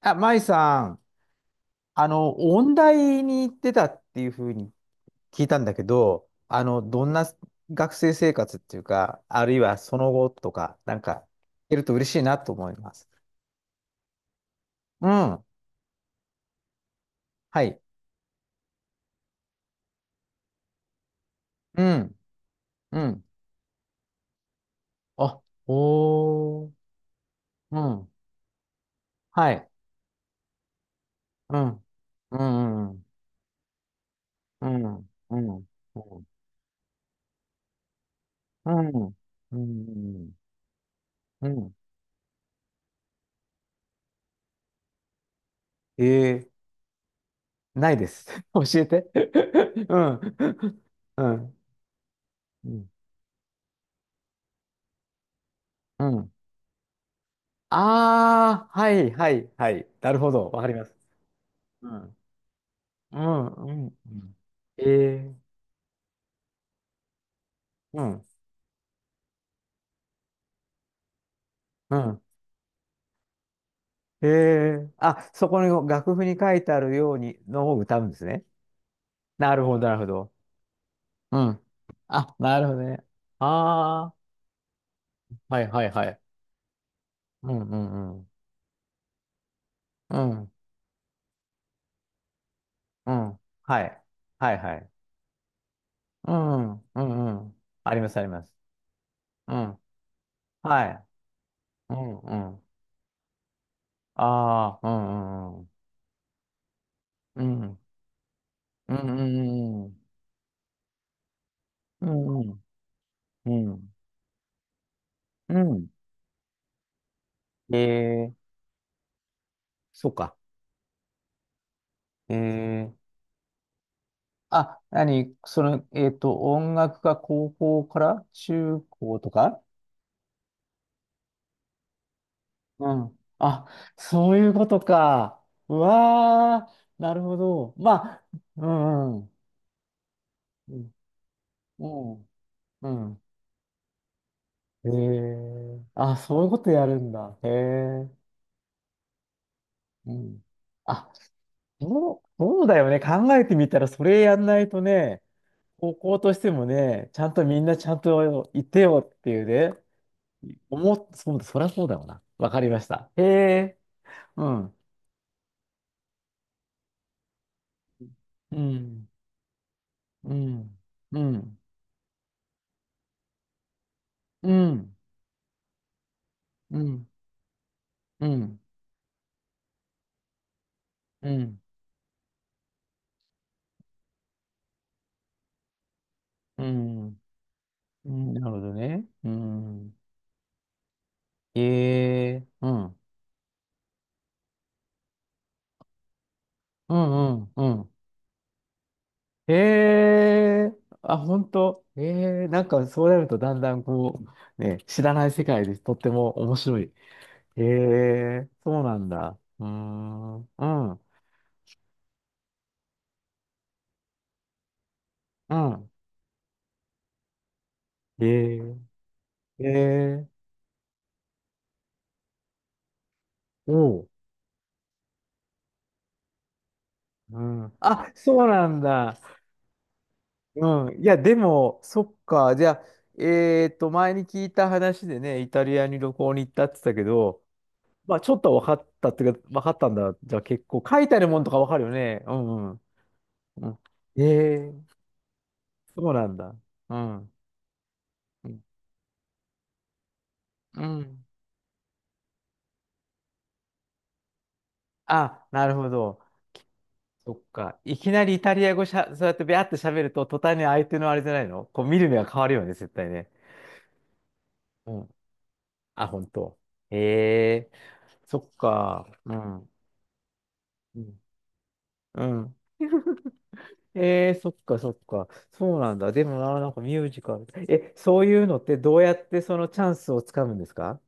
あ、舞さん、音大に行ってたっていうふうに聞いたんだけど、どんな学生生活っていうか、あるいはその後とか、聞けると嬉しいなと思います。うん。はい。うん。うん。あ、おー。うん。はい。うん。うん。うん。うん。うん。うん。うん。うん。うんえー、ないです。教えて。うん。うん。うん。うん。ああ、はいはいはい。なるほど。わかります。うん。うん、うん、うん。ええ、うん、うん。ええ、あ、そこの楽譜に書いてあるようにのを歌うんですね。なるほど、なるほど。うん。あ、なるほどね。ああ、はいはいはい。うん、うん、うん。うん、うん。はい。はいはい。うん、うん、うん。あります、あります。うん。はい。うん、うん。ああ、うん、うん、うん。うん、うん、うん、うん。うん、うん、うん。うんえー、そうか。えー、あ、何その、音楽が高校から中高とか、うん。あ、そういうことか。うわー、なるほど。まあ、うん、うん、うん、うん。うんあ、そういうことやるんだ。へえ、うん。あ、そう、そうだよね。考えてみたら、それやんないとね、高校としてもね、ちゃんとみんなちゃんといてよっていうね、そうだ、そりゃそうだよな。わかりました。へえ、うん、うん、うん、うん、うん、うん、うん、うん、うん、うんなるほどね。うん、へえ、うん、うん、うん、うん。へえ、あ、本当。へえ、そうなるとだんだんね、知らない世界でとっても面白い。ええ、そうなんだ。うーん、うん、うん。ええ、ええ、おう。うん。あ、そうなんだ。うん。いや、でも、そっか。じゃあ、前に聞いた話でね、イタリアに旅行に行ったって言ってたけど、まあ、ちょっとは分かったっていうか、分かったんだ。じゃあ、結構、書いてあるもんとか分かるよね。うん、うん。うんええ、そうなんだ。うん。うん。うんあ、なるほど。そっか。いきなりイタリア語しゃ、そうやってビャーって喋ると、途端に相手のあれじゃないのこう見る目が変わるよね、絶対ね。うん。あ、本当。へえ、そっか。うん。うん。うんそっかそっか。そうなんだ。でもな、なんかミュージカル。え、そういうのってどうやってそのチャンスをつかむんですか？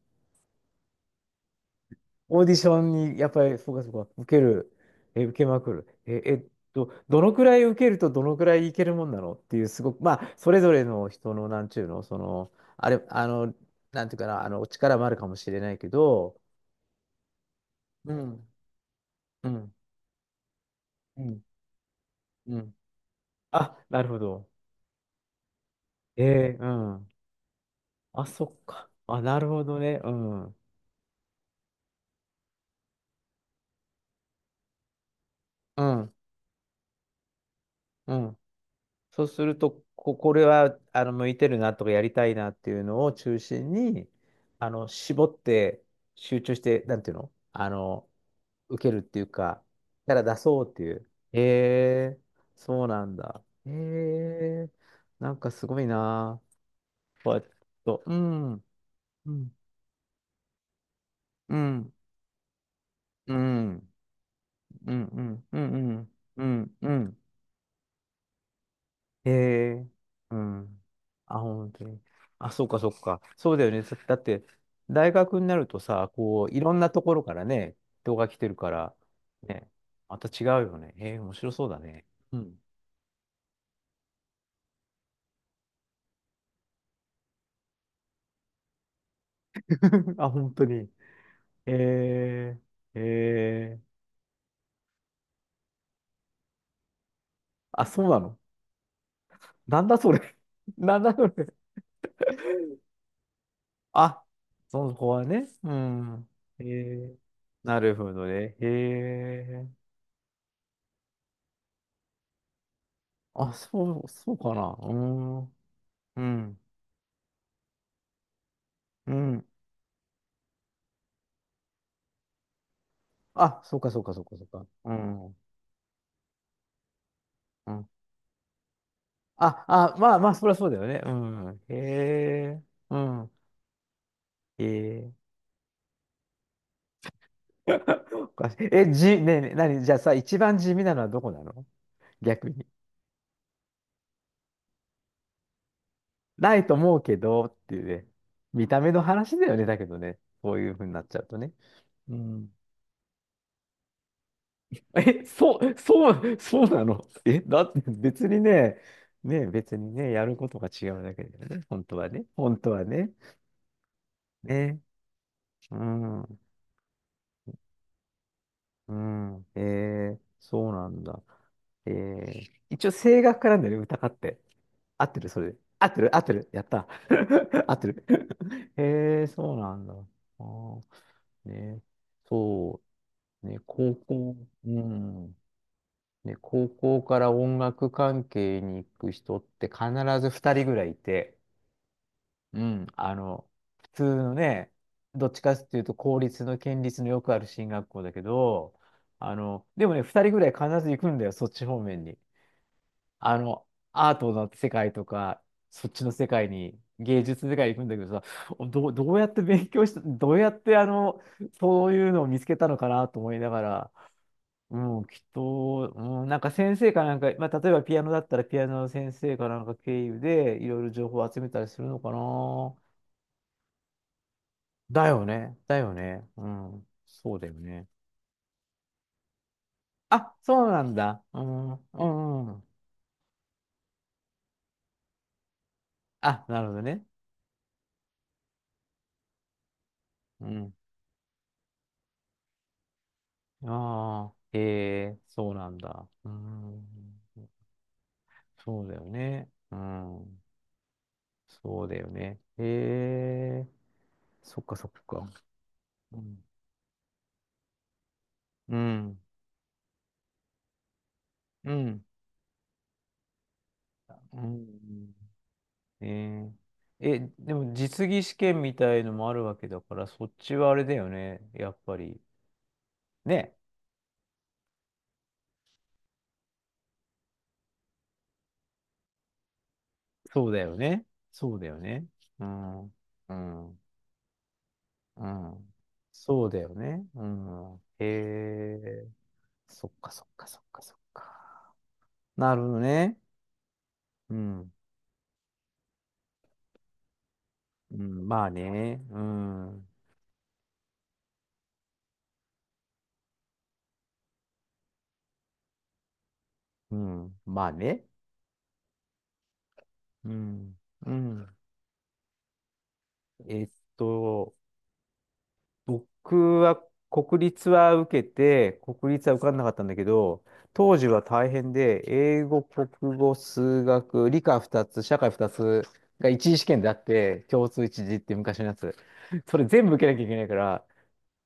オーディションにやっぱり、そうかそうか、受ける、え、受けまくる。え、どのくらい受けるとどのくらいいけるもんなのっていう、すごく、まあ、それぞれの人の、なんちゅうの、その、あれ、なんていうかな、力もあるかもしれないけど、うん、うん、うん、うん。あ、なるほど。えーうん。あ、そっか。あ、なるほどね。うん、うん、うん。そうすると、これは向いてるなとかやりたいなっていうのを中心に、絞って集中して、なんていうの受けるっていうか、キャラ出そうっていう。へえ、そうなんだ。へえ、なんかすごいな。こうやってと、うん、うん、うん、うん、うん、うん、うん、うん、うん、うん、ええ、うん。あ、本当に。あ、そうか、そうか。そうだよね。だって、大学になるとさ、こう、いろんなところからね、人が来てるから、ね、また違うよね。ええ、面白そうだね。うん。あ、本当に。ええ、ええ。あ、そうなの？なんだそれ。なんだそれ。あ、その子はね。うん。ええ、なるほどね。ええ。あ、そう、そうかな。うーん。うん。うん。あ、そうかそうかそうかそうか。うん。うん。あ、あ、まあまあ、そりゃそうだよね。うん。へえ。うん。へえ。おかしい。え、じ、ねえねえ、何じゃあさ、一番地味なのはどこなの？逆に。ないと思うけどっていうね。見た目の話だよね。だけどね。そういうふうになっちゃうとね。うん。え、そうなの？え、だって別にね、ね別にね、やることが違うだけだよね。本当はね。本当はね。ね。うん。うん。えー、そうなんだ。えー、一応声楽家なんだよね、歌家って。合ってる、それで。合ってる、合ってる。やった。合ってる。えー、そうなんだ。あーね、そう。ね、高校、うん。ね、高校から音楽関係に行く人って必ず二人ぐらいいて、うん、普通のね、どっちかっていうと、公立の県立のよくある進学校だけど、でもね、2人ぐらい必ず行くんだよ、そっち方面に。あの、アートの世界とか、そっちの世界に、芸術の世界に行くんだけどさ、どうやって勉強した、どうやってそういうのを見つけたのかなと思いながら、うん、きっと、うん、なんか先生かなんか、まあ、例えばピアノだったらピアノの先生かなんか経由でいろいろ情報を集めたりするのかな。だよね。だよね。うん。そうだよね。あ、そうなんだ。うん。うんうん。あ、なるほどね。うん。ああ、へえ、そうなんだ。うん。そうだよね。うん。そうだよね。へえ、そっかそっか。うん。うん。うん。うんえーえ、でも実技試験みたいのもあるわけだから、そっちはあれだよね。やっぱり。ね。そうだよね。そうだよね。うん。うん。うん。そうだよね。うん。へえ。そっかそっかそっかそっか。なるほどね。うん。うん。まあね。うん。うん。まあね。うん。うん。えっと、僕は国立は受けて、国立は受かんなかったんだけど、当時は大変で、英語、国語、数学、理科2つ、社会2つが一次試験であって、共通一次って昔のやつ。それ全部受けなきゃいけないから、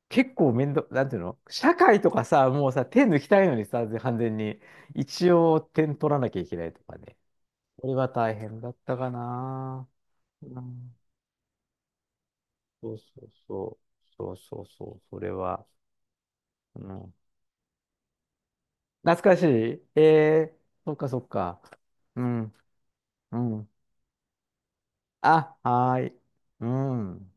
結構面倒、なんていうの社会とかさ、もうさ、手抜きたいのにさ、完全に。一応点取らなきゃいけないとかね。これは大変だったかな。うん、そうそうそう。そうそうそう。それは。うん懐かしい。ええそっかそっか。うん、うん。あ、はーい。うん。